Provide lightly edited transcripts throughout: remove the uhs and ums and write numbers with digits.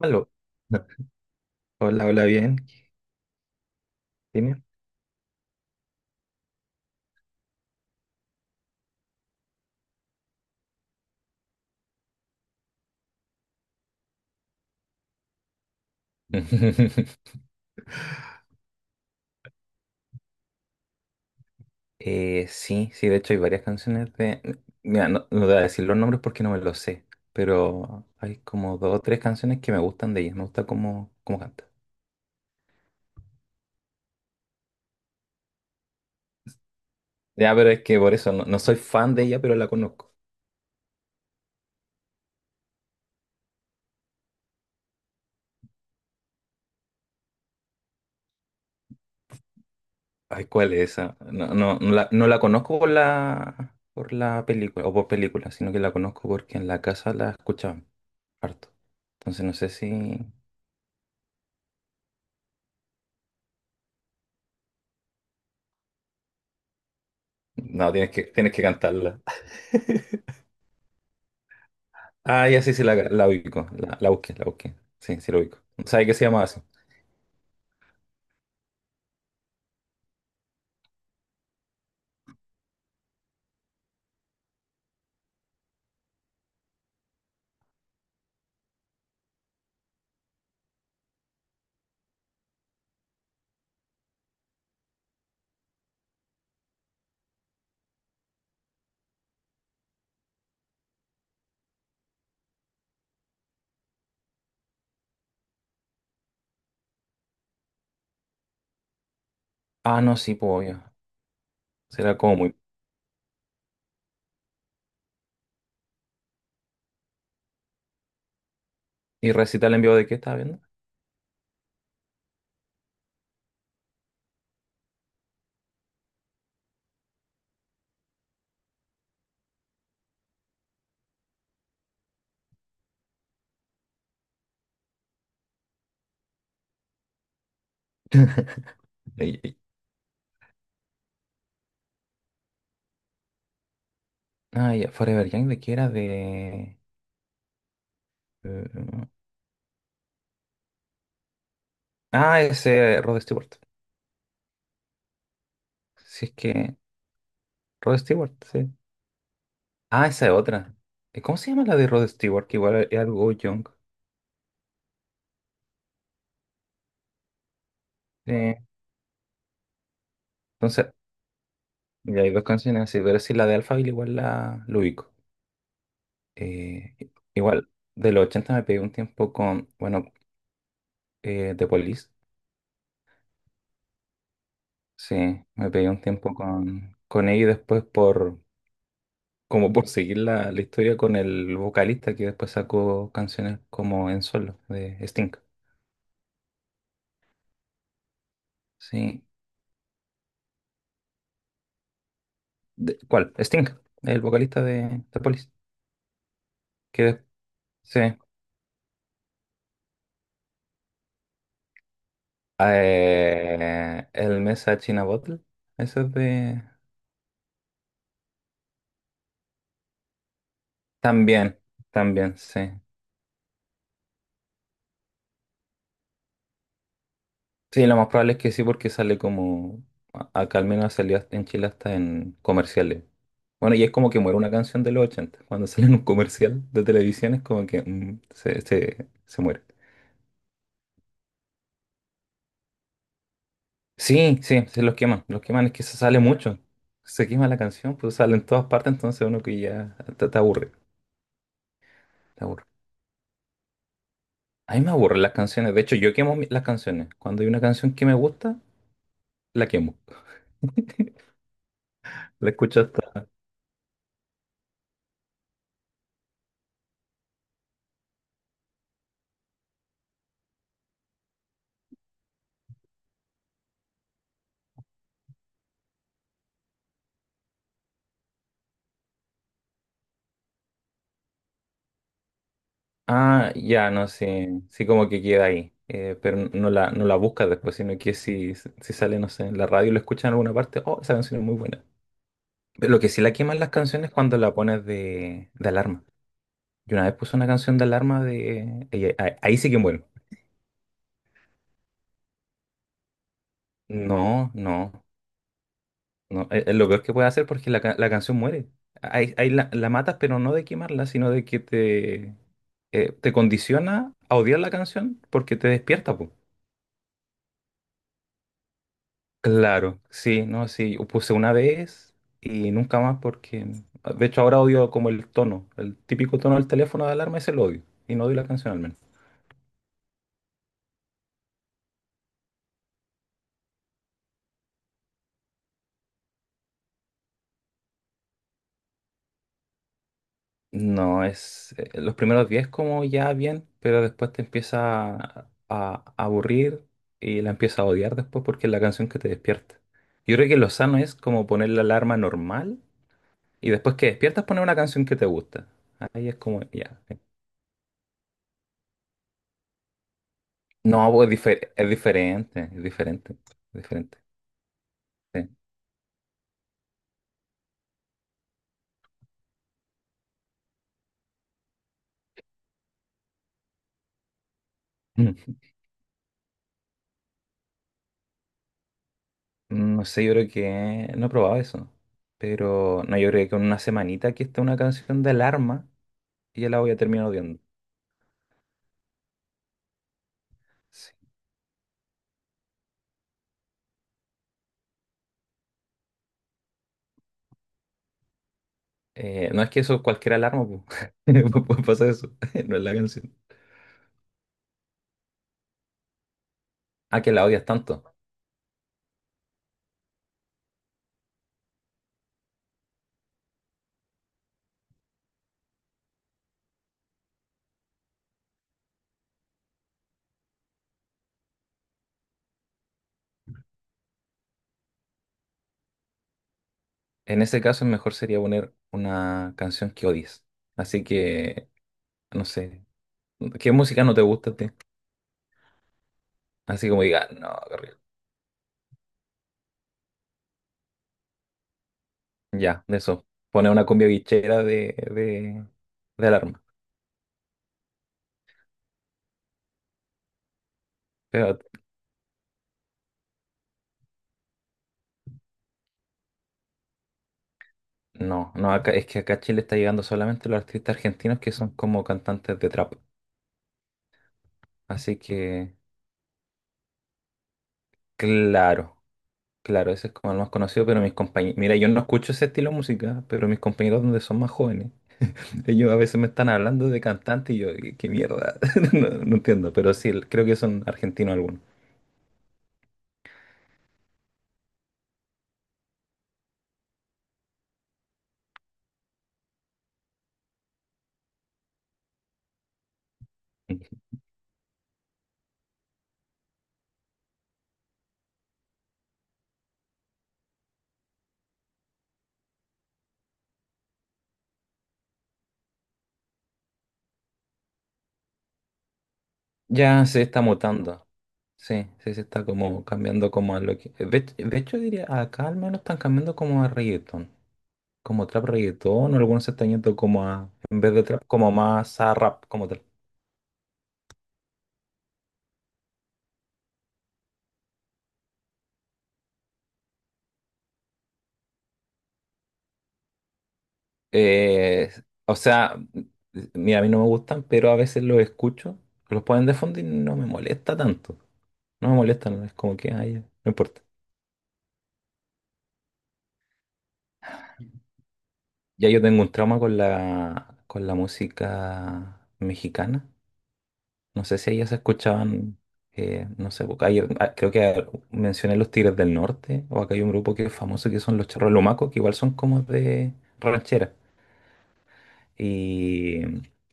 Aló. No, Hola, hola, bien. Dime. Sí, sí, de hecho hay varias canciones de... Mira, no voy a decir los nombres porque no me los sé, pero hay como dos o tres canciones que me gustan de ella, me gusta cómo canta. Ya, pero es que por eso no soy fan de ella, pero la conozco. Ay, ¿cuál es esa? No, no, no la conozco por por la película, o por película, sino que la conozco porque en la casa la escuchaban harto. Entonces no sé si... No, tienes que cantarla. Ah, ya sí, sí, la ubico. La busqué, la busqué. Sí, sí, la ubico. ¿Sabes qué se llama así? Ah, no, sí, pues obvio. Será como muy. ¿Y recital en vivo de qué estaba viendo? Ay, ey. Ah, ya, Forever Young, ¿de qué era? De. eh, Ah, ese Rod Stewart. Si es que. Rod Stewart, sí. Ah, esa es otra. ¿Cómo se llama la de Rod Stewart? Que igual es algo young. Eh, entonces, ya hay dos canciones así, pero sí, la de Alphaville igual lo ubico. Eh, igual, de los 80 me pegué un tiempo con. Bueno, de Police, sí, me pegué un tiempo con ella y después por como por seguir la historia con el vocalista que después sacó canciones como en solo de Sting. Sí. De- ¿cuál? Sting, el vocalista de Police. Que de- sí. El Message in a Bottle. Eso es de. También, también, sí. Sí, lo más probable es que sí, porque sale como. A- Acá al menos salía en Chile hasta en comerciales. Bueno, y es como que muere una canción de los 80 cuando sale en un comercial de televisión es como que se muere. Sí, sí, se los queman. Los queman es que se sale mucho. Se quema la canción, pues sale en todas partes, entonces uno que ya te aburre. Te aburre. A mí me aburren las canciones. De hecho, yo quemo mi- las canciones. Cuando hay una canción que me gusta, la quemo. La escucho hasta Ah, ya, no, sí, sí como que queda ahí, pero no la, no la buscas después, sino que si sale, no sé, en la radio y lo escuchan en alguna parte, oh, esa canción es muy buena. Pero lo que sí la queman las canciones es cuando la pones de alarma. Yo una vez puse una canción de alarma de... y ahí, ahí- ahí sí que muero. No, no, no, es lo peor que puede hacer porque la, ca- la canción muere. Ahí, ahí la matas, pero no de quemarla, sino de que te condiciona a odiar la canción porque te despierta, po. Claro, sí, no, sí, yo puse una vez y nunca más porque, de hecho ahora odio como el tono, el típico tono del teléfono de alarma es el odio y no odio la canción al menos. No, es los primeros 10 como ya bien, pero después te empieza a aburrir y la empieza a odiar después porque es la canción que te despierta. Yo creo que lo sano es como poner la alarma normal y después que despiertas poner una canción que te gusta. Ahí es como, ya. No, pues, es diferente, es diferente. Sí. Mm. No sé, yo creo que no he probado eso. Pero no, yo creo que con una semanita que esté una canción de alarma, ya la voy a terminar odiando. Sí. No es que eso cualquier alarma, pu. Puede pasar eso. No es la canción. Ah, que la odias tanto. En ese caso, mejor sería poner una canción que odies. Así que, no sé. ¿Qué música no te gusta a ti? Así como diga, no, Gabriel". Ya, de eso. Pone una cumbia guichera de alarma. Pero No, no, acá, es que acá a Chile está llegando solamente los artistas argentinos que son como cantantes de trap. Así que, claro, claro, ese es como el más conocido, pero mis compañeros, mira, yo no escucho ese estilo de música, pero mis compañeros donde son más jóvenes, ellos a veces me están hablando de cantantes y yo, qué, qué mierda, no, no entiendo, pero sí, creo que son argentinos algunos. Ya se está mutando, sí, sí, se está como cambiando como a lo que... de hecho diría, acá al menos están cambiando como a reggaeton. Como trap reggaetón, o algunos se están yendo como a, en vez de trap, como más a rap como tal. Eh, o sea, mira, a mí no me gustan, pero a veces los escucho, los ponen de fondo y no me molesta tanto. No me molesta, no, es como que, ay, ya, no importa. Ya yo tengo un trauma con con la música mexicana. No sé si ellas escuchaban, no sé, porque ayer, ah, creo que mencioné los Tigres del Norte, o acá hay un grupo que es famoso que son los Charros Lumacos, que igual son como de ranchera. Y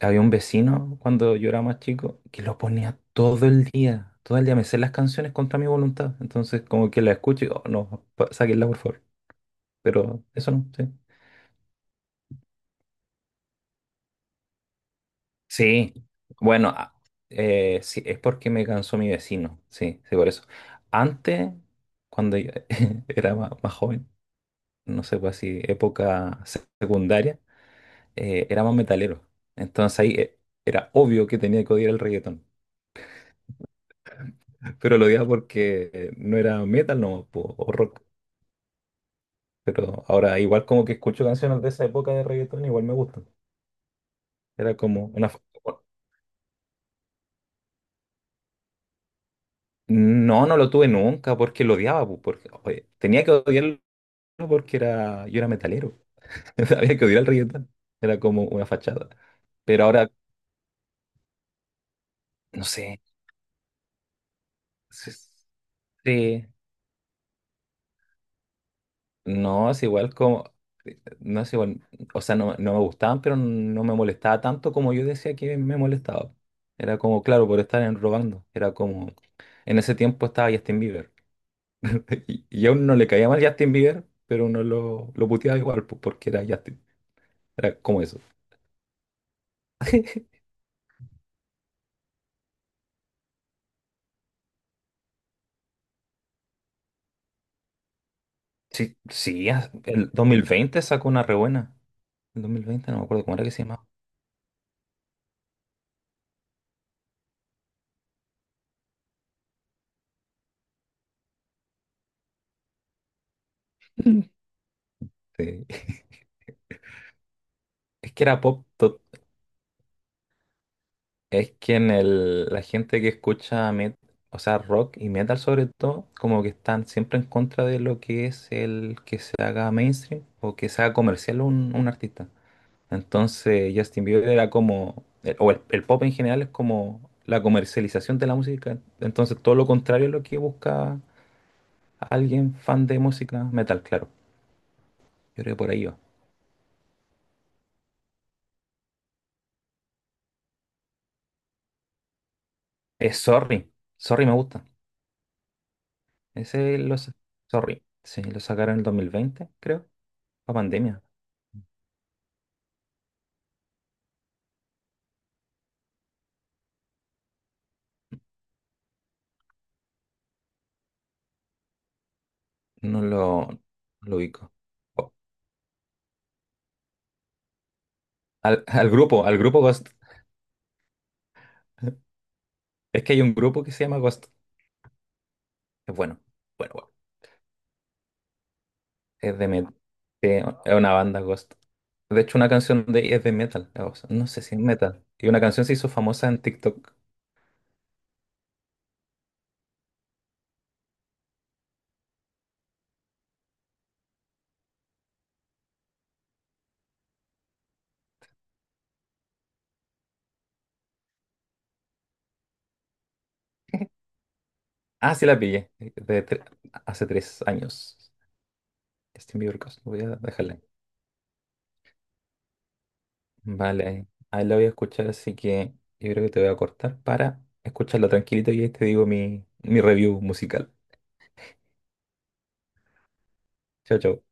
había un vecino cuando yo era más chico que lo ponía todo el día, todo el día. Me sé las canciones contra mi voluntad. Entonces, como que la escucho y digo, "Oh, no, pa- sáquenla por favor. Pero eso no, sí. Sí, bueno, a- sí, es porque me cansó mi vecino. Sí, sí, por eso. Antes, cuando yo era ma- más, joven, no sé, pues así, época se- secundaria, era más metalero. Entonces ahí era obvio que tenía que odiar el reggaetón. Pero lo odiaba porque no era metal no, o rock. Pero ahora igual como que escucho canciones de esa época de reggaetón, igual me gustan. Era como una... fa- No, no lo tuve nunca porque lo odiaba, po, porque oye, tenía que odiarlo porque era, yo era metalero. Había que odiar el reggaetón. Era como una fachada. Pero ahora, no sé. Sí, sí. No, es igual como, no es igual, o sea, no, no me gustaban, pero no me molestaba tanto como yo decía que me molestaba. Era como, claro, por estar en- robando. Era como, en ese tiempo estaba Justin Bieber. Y a uno no le caía mal Justin Bieber, pero uno lo puteaba igual, pues, porque era Justin. Era como eso. Sí, sí, as- el 2020 sacó una re buena. El 2020 no me acuerdo cómo era que se llamaba. Sí. Es que era pop, es que en el, la gente que escucha met- o sea, rock y metal sobre todo, como que están siempre en contra de lo que es el que se haga mainstream o que se haga comercial un artista. Entonces Justin Bieber era como, el- o el, el pop en general es como la comercialización de la música. Entonces todo lo contrario es lo que busca alguien fan de música metal, claro. Yo creo que por ahí va. Es Sorry, Sorry me gusta. Ese lo, sa- Sorry, sí, lo sacaron en el 2020, creo, para pandemia. No lo ubico. O- Al, al grupo Ghost. Es que hay un grupo que se llama Ghost. Es bueno. Bueno, bueno. Es de metal. Es una banda Ghost. De hecho, una canción de es de metal. O sea, no sé si es metal. Y una canción se hizo famosa en TikTok. Ah, sí la pillé. De tre- hace tres años. Justin Bieber Ghost. Voy a dejarla ahí. Vale, ahí ahí la voy a escuchar, así que yo creo que te voy a cortar para escucharla tranquilito y ahí te digo mi review musical. Chao, chao.